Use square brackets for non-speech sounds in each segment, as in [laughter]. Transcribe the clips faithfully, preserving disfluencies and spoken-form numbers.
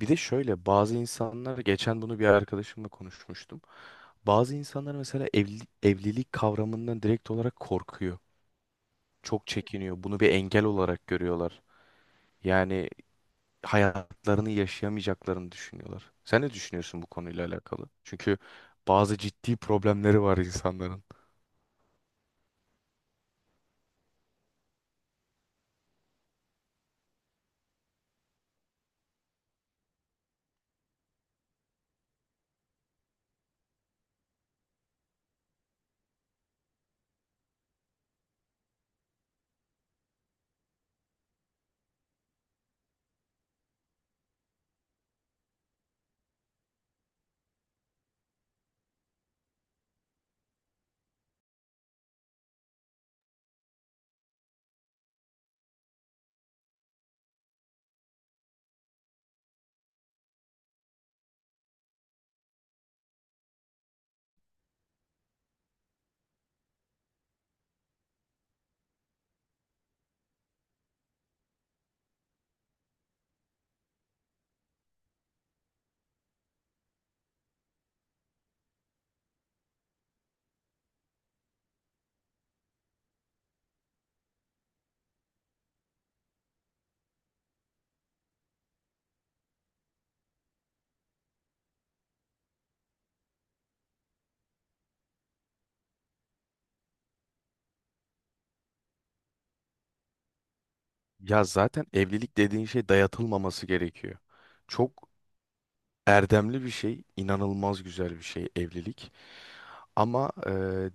Bir de şöyle bazı insanlar geçen bunu bir arkadaşımla konuşmuştum. Bazı insanlar mesela evli, evlilik kavramından direkt olarak korkuyor. Çok çekiniyor. Bunu bir engel olarak görüyorlar. Yani hayatlarını yaşayamayacaklarını düşünüyorlar. Sen ne düşünüyorsun bu konuyla alakalı? Çünkü bazı ciddi problemleri var insanların. Ya zaten evlilik dediğin şey dayatılmaması gerekiyor. Çok erdemli bir şey, inanılmaz güzel bir şey evlilik. Ama e,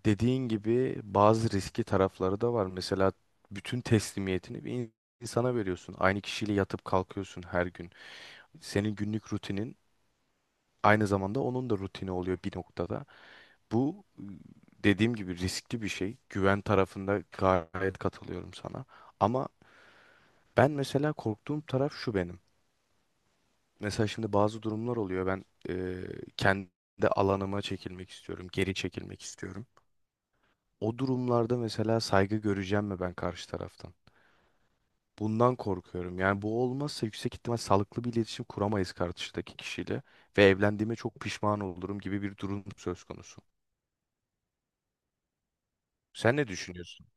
dediğin gibi bazı riski tarafları da var. Mesela bütün teslimiyetini bir in- insana veriyorsun. Aynı kişiyle yatıp kalkıyorsun her gün. Senin günlük rutinin aynı zamanda onun da rutini oluyor bir noktada. Bu e, dediğim gibi riskli bir şey. Güven tarafında gayet katılıyorum sana. Ama ben mesela korktuğum taraf şu benim. Mesela şimdi bazı durumlar oluyor. Ben e, kendi alanıma çekilmek istiyorum, geri çekilmek istiyorum. O durumlarda mesela saygı göreceğim mi ben karşı taraftan? Bundan korkuyorum. Yani bu olmazsa yüksek ihtimal sağlıklı bir iletişim kuramayız karşıdaki kişiyle ve evlendiğime çok pişman olurum gibi bir durum söz konusu. Sen ne düşünüyorsun?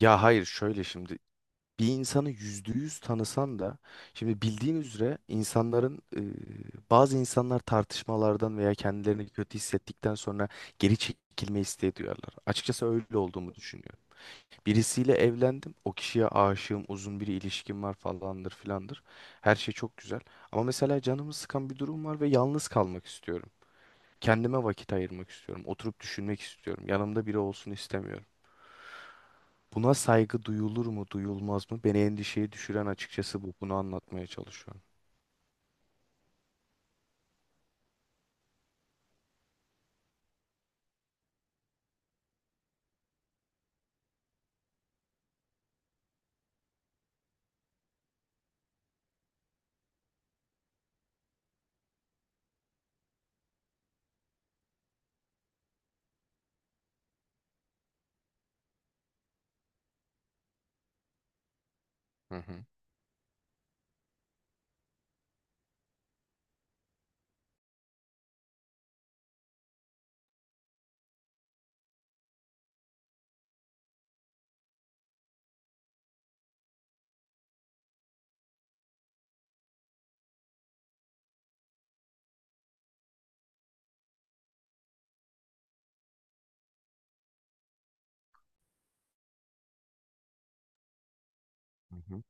Ya hayır şöyle şimdi bir insanı yüzde yüz tanısan da şimdi bildiğin üzere insanların e, bazı insanlar tartışmalardan veya kendilerini kötü hissettikten sonra geri çekilme isteği duyarlar. Açıkçası öyle olduğumu düşünüyorum. Birisiyle evlendim. O kişiye aşığım, uzun bir ilişkim var falandır filandır. Her şey çok güzel. Ama mesela canımı sıkan bir durum var ve yalnız kalmak istiyorum. Kendime vakit ayırmak istiyorum. Oturup düşünmek istiyorum. Yanımda biri olsun istemiyorum. Buna saygı duyulur mu, duyulmaz mı? Beni endişeye düşüren açıkçası bu. Bunu anlatmaya çalışıyorum. Hı hı. Hı hı.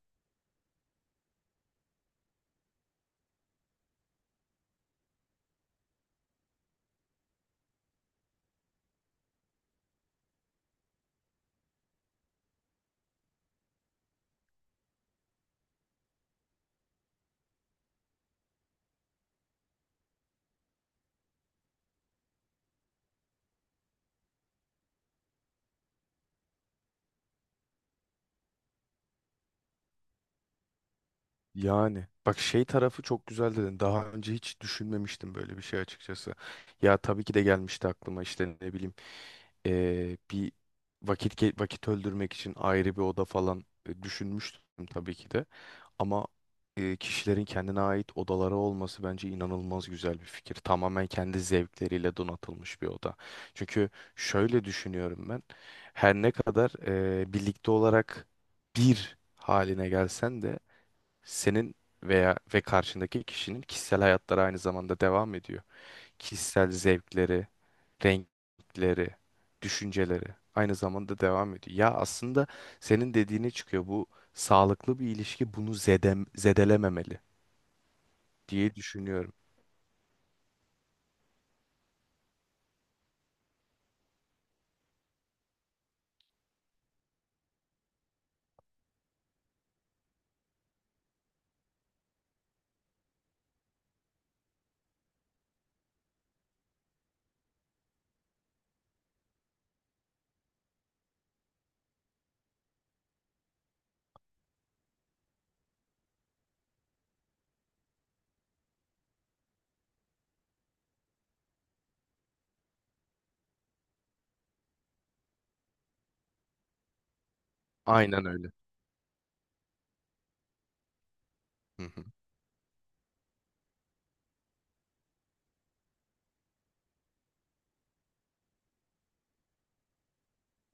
Yani bak şey tarafı çok güzel dedin. Daha önce hiç düşünmemiştim böyle bir şey açıkçası. Ya tabii ki de gelmişti aklıma işte ne bileyim eee, bir vakit ge- vakit öldürmek için ayrı bir oda falan e, düşünmüştüm tabii ki de. Ama e, kişilerin kendine ait odaları olması bence inanılmaz güzel bir fikir. Tamamen kendi zevkleriyle donatılmış bir oda. Çünkü şöyle düşünüyorum ben. Her ne kadar e, birlikte olarak bir haline gelsen de senin veya ve karşındaki kişinin kişisel hayatları aynı zamanda devam ediyor. Kişisel zevkleri, renkleri, düşünceleri aynı zamanda devam ediyor. Ya aslında senin dediğine çıkıyor. Bu sağlıklı bir ilişki bunu zedem, zedelememeli diye düşünüyorum. Aynen öyle. Hı hı.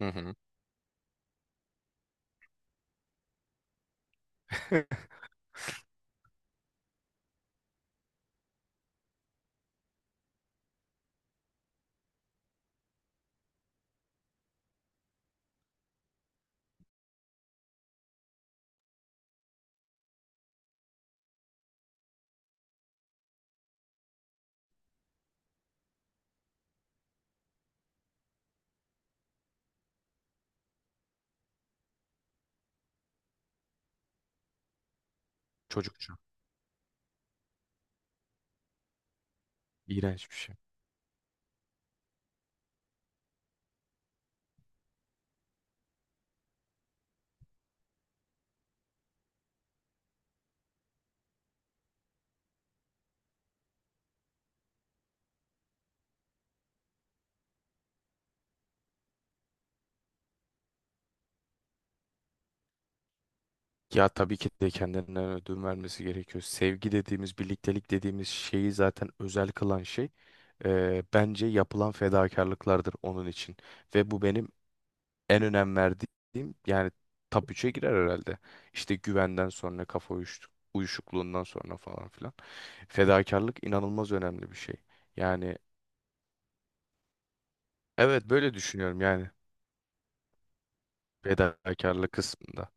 Hı hı. [laughs] Çocukça. İğrenç bir şey. Ya tabii ki de kendinden ödün vermesi gerekiyor. Sevgi dediğimiz, birliktelik dediğimiz şeyi zaten özel kılan şey eee, bence yapılan fedakarlıklardır onun için. Ve bu benim en önem verdiğim yani top üçe girer herhalde. İşte güvenden sonra, kafa uyuş- uyuşukluğundan sonra falan filan. Fedakarlık inanılmaz önemli bir şey. Yani evet böyle düşünüyorum yani fedakarlık kısmında.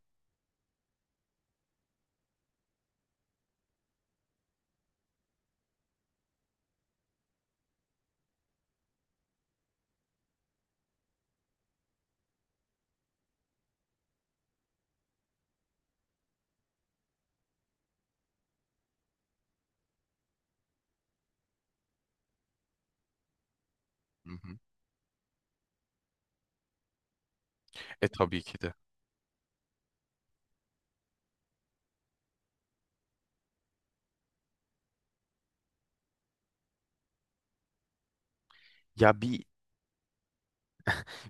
Hı hı. E tabii ki de. Ya bir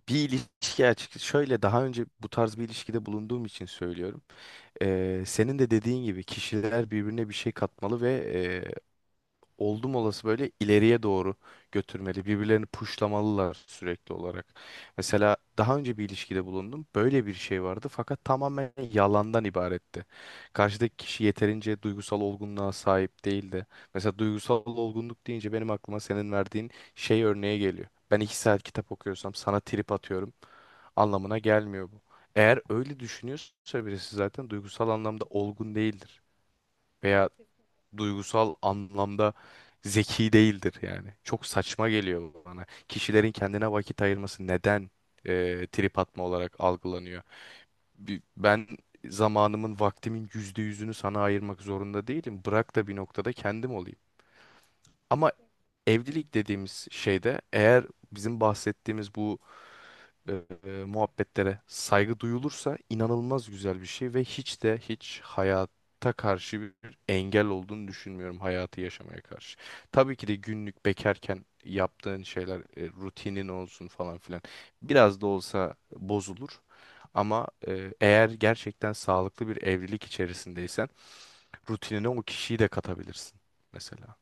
bir ilişki açık şöyle daha önce bu tarz bir ilişkide bulunduğum için söylüyorum. Ee, senin de dediğin gibi kişiler birbirine bir şey katmalı ve e, oldum olası böyle ileriye doğru götürmeli. Birbirlerini puşlamalılar sürekli olarak. Mesela daha önce bir ilişkide bulundum. Böyle bir şey vardı fakat tamamen yalandan ibaretti. Karşıdaki kişi yeterince duygusal olgunluğa sahip değildi. Mesela duygusal olgunluk deyince benim aklıma senin verdiğin şey örneğe geliyor. Ben iki saat kitap okuyorsam sana trip atıyorum anlamına gelmiyor bu. Eğer öyle düşünüyorsa birisi zaten duygusal anlamda olgun değildir veya duygusal anlamda zeki değildir yani. Çok saçma geliyor bana. Kişilerin kendine vakit ayırması neden e, trip atma olarak algılanıyor? Bi- Ben zamanımın, vaktimin yüzde yüzünü sana ayırmak zorunda değilim. Bırak da bir noktada kendim olayım. Ama evlilik dediğimiz şeyde eğer bizim bahsettiğimiz bu e, e, muhabbetlere saygı duyulursa inanılmaz güzel bir şey ve hiç de hiç hayata karşı bir engel olduğunu düşünmüyorum hayatı yaşamaya karşı. Tabii ki de günlük bekarken yaptığın şeyler e, rutinin olsun falan filan biraz da olsa bozulur ama e, eğer gerçekten sağlıklı bir evlilik içerisindeysen rutinine o kişiyi de katabilirsin mesela.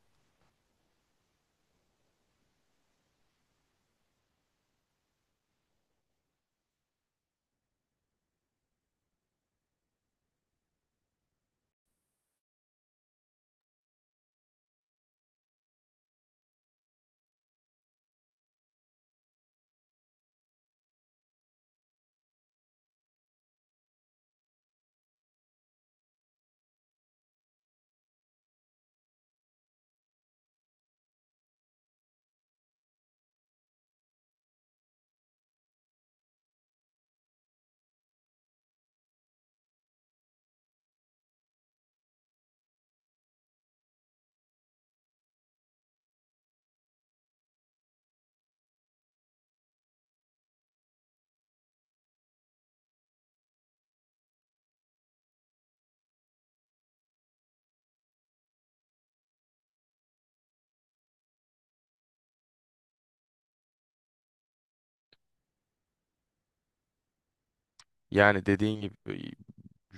Yani dediğin gibi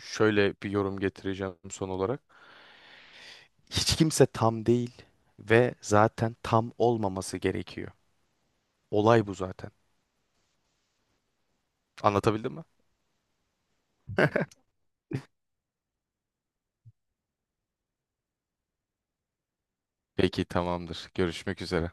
şöyle bir yorum getireceğim son olarak. Hiç kimse tam değil ve zaten tam olmaması gerekiyor. Olay bu zaten. Anlatabildim mi? [laughs] Peki tamamdır. Görüşmek üzere.